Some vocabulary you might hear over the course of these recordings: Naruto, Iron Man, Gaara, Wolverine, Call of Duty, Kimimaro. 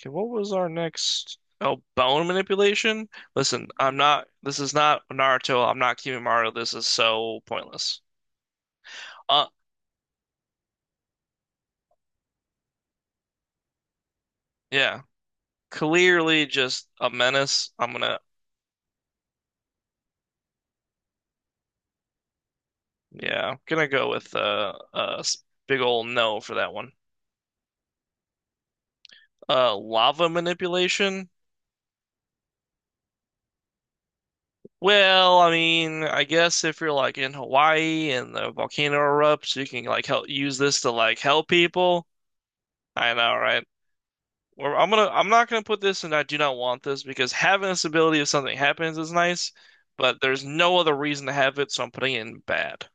Okay, what was our next? Oh, bone manipulation? Listen, I'm not, this is not Naruto. I'm not Kimimaro. This is so pointless. Uh, yeah, clearly just a menace. Yeah, gonna go with big ol' no for that one. Lava manipulation? Well, I mean, I guess if you're like in Hawaii and the volcano erupts, you can like help use this to like help people. I know, right? Or I'm gonna I'm not gonna put this and I do not want this because having this ability if something happens is nice, but there's no other reason to have it, so I'm putting it in bad.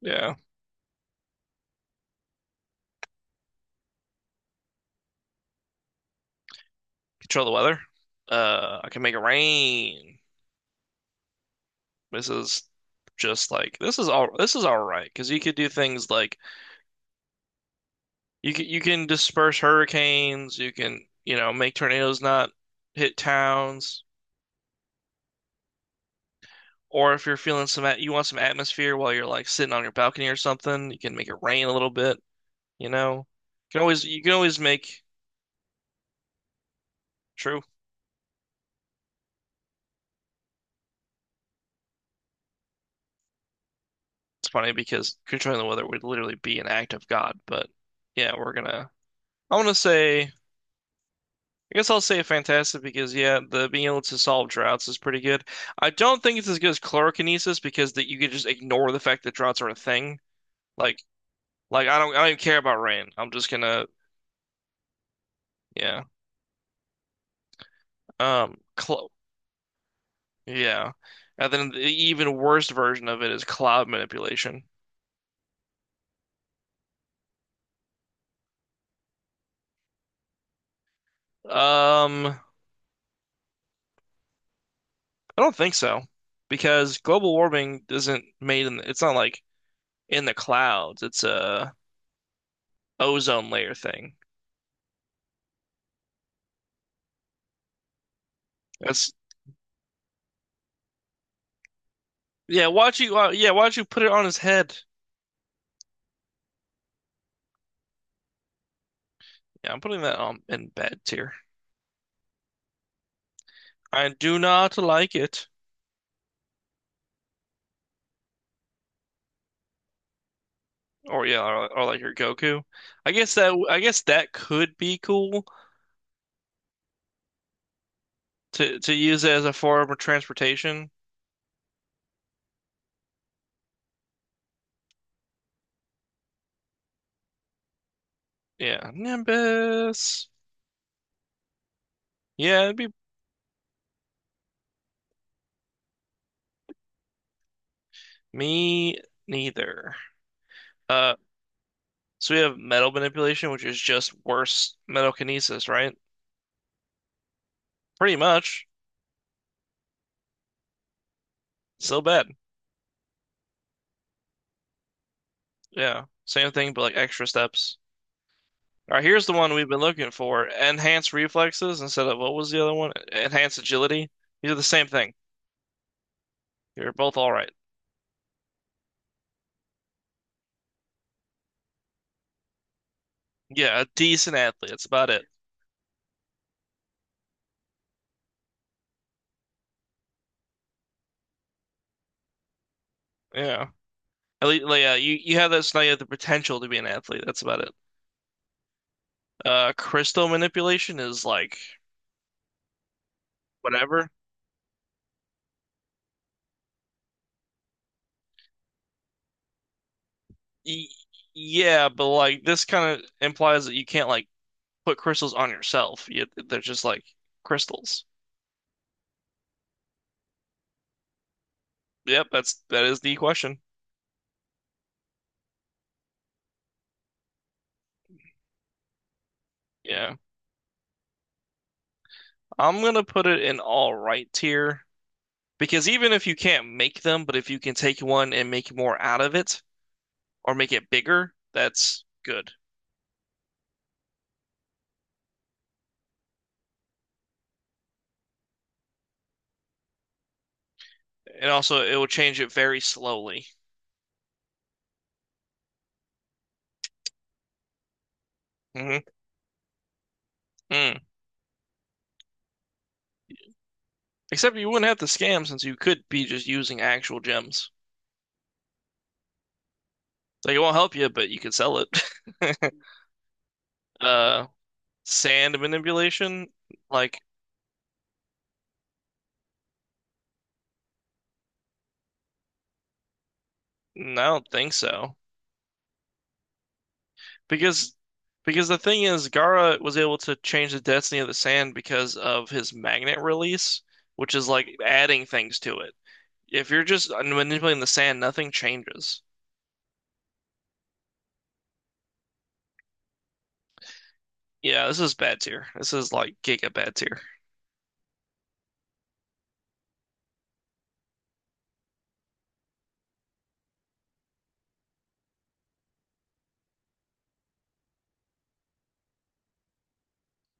Yeah. Control the weather. I can make it rain. This is this is all right because you could do things like you can disperse hurricanes, you can you know make tornadoes not hit towns, or if you're feeling you want some atmosphere while you're like sitting on your balcony or something, you can make it rain a little bit. You know, you can always make true. It's funny because controlling the weather would literally be an act of God, but yeah, we're gonna. I want to say. I guess I'll say fantastic because yeah, the being able to solve droughts is pretty good. I don't think it's as good as chlorokinesis because that you could just ignore the fact that droughts are a thing. Like like I don't even care about rain. I'm just gonna yeah. Clo yeah. And then the even worst version of it is cloud manipulation. Um, I don't think so because global warming isn't made in it's not like in the clouds. It's a ozone layer thing. That's yeah. Why'd you yeah? Why'd you put it on his head? Yeah, I'm putting that on in bed tier. I do not like it. Or yeah, or like your Goku. I guess that could be cool to use it as a form of transportation. Yeah, Nimbus. Yeah, it'd be me neither. Uh, So we have metal manipulation, which is just worse metal kinesis, right? Pretty much. Still bad. Yeah. Same thing, but like extra steps. All right, here's the one we've been looking for. Enhanced reflexes instead of what was the other one? Enhanced agility. These are the same thing. You're both all right. Yeah, a decent athlete. That's about it. Yeah. At least, like, yeah, you have this, now you have the potential to be an athlete. That's about it. Crystal manipulation is like whatever. Y yeah, but like this kind of implies that you can't like put crystals on yourself. You, they're just like crystals. Yep, that is the question. Yeah. I'm gonna put it in all right tier because even if you can't make them, but if you can take one and make more out of it or make it bigger, that's good. And also it will change it very slowly. Hmm Mm. Except you wouldn't have to scam since you could be just using actual gems. Like it won't help you, but you could sell it. Uh, sand manipulation? Like, no, I don't think so. Because because the thing is, Gaara was able to change the density of the sand because of his magnet release, which is like adding things to it. If you're just manipulating the sand, nothing changes. Yeah, this is bad tier. This is like giga bad tier.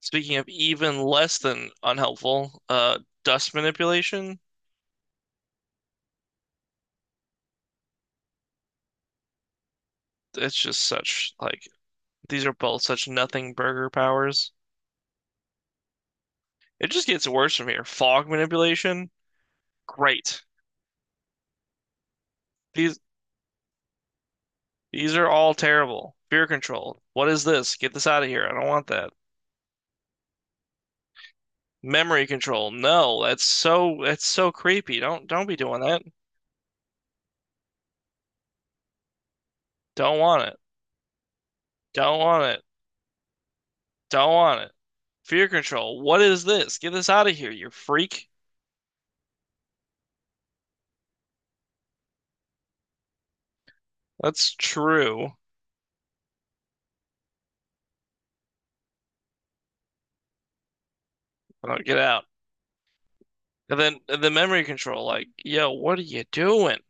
Speaking of even less than unhelpful, dust manipulation, it's just such like these are both such nothing burger powers. It just gets worse from here. Fog manipulation, great. These These are all terrible. Fear control. What is this? Get this out of here. I don't want that. Memory control. No, that's so creepy. Don't be doing that. Don't want it. Don't want it. Don't want it. Fear control. What is this? Get this out of here, you freak. That's true. Oh, get out. And then the memory control. Like, yo, what are you doing?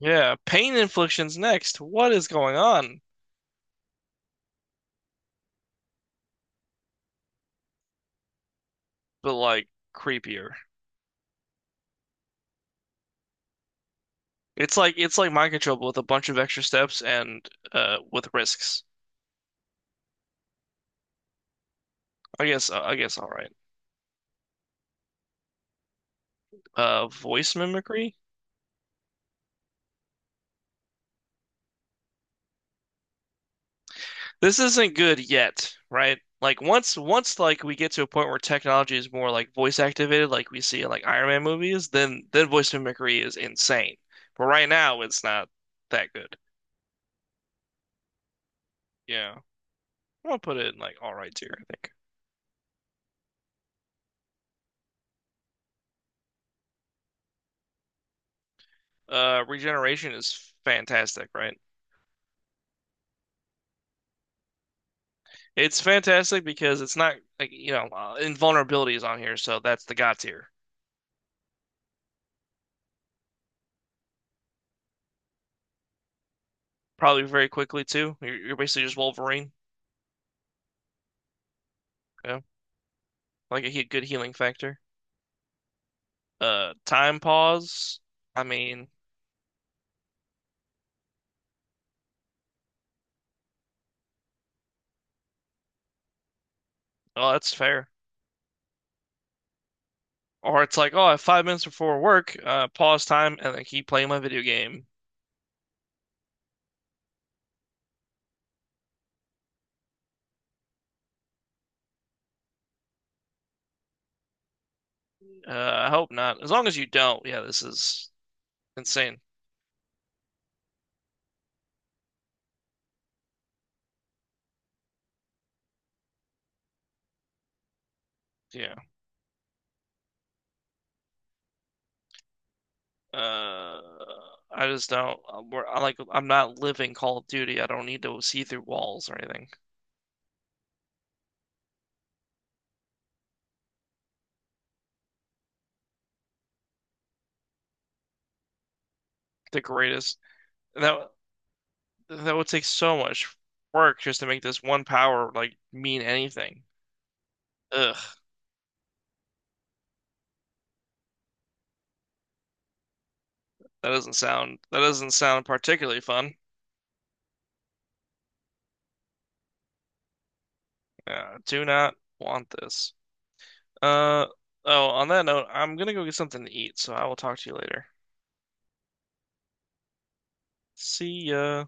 Yeah, pain inflictions next. What is going on? But like creepier. It's like mind control but with a bunch of extra steps and with risks. I guess all right. Voice mimicry. This isn't good yet, right? Like once like we get to a point where technology is more like voice activated, like we see in like Iron Man movies, then voice mimicry is insane. But right now, it's not that good. Yeah, I'm gonna put it in like all right tier, I think. Regeneration is fantastic, right? It's fantastic because it's not like you know invulnerability is on here, so that's the god tier. Probably very quickly too. You're basically just Wolverine. Yeah. Like a he good healing factor. Time pause. I mean, oh, that's fair. Or it's like, oh, I have 5 minutes before work. Pause time and then keep playing my video game. Uh, I hope not. As long as you don't, yeah, this is insane. Yeah. Uh, I just don't. I'm, I like. I'm not living Call of Duty. I don't need to see through walls or anything. The greatest. That that would take so much work just to make this one power like mean anything. Ugh. That doesn't sound particularly fun. Yeah, I do not want this. Uh, oh, on that note, I'm gonna go get something to eat, so I will talk to you later. See ya.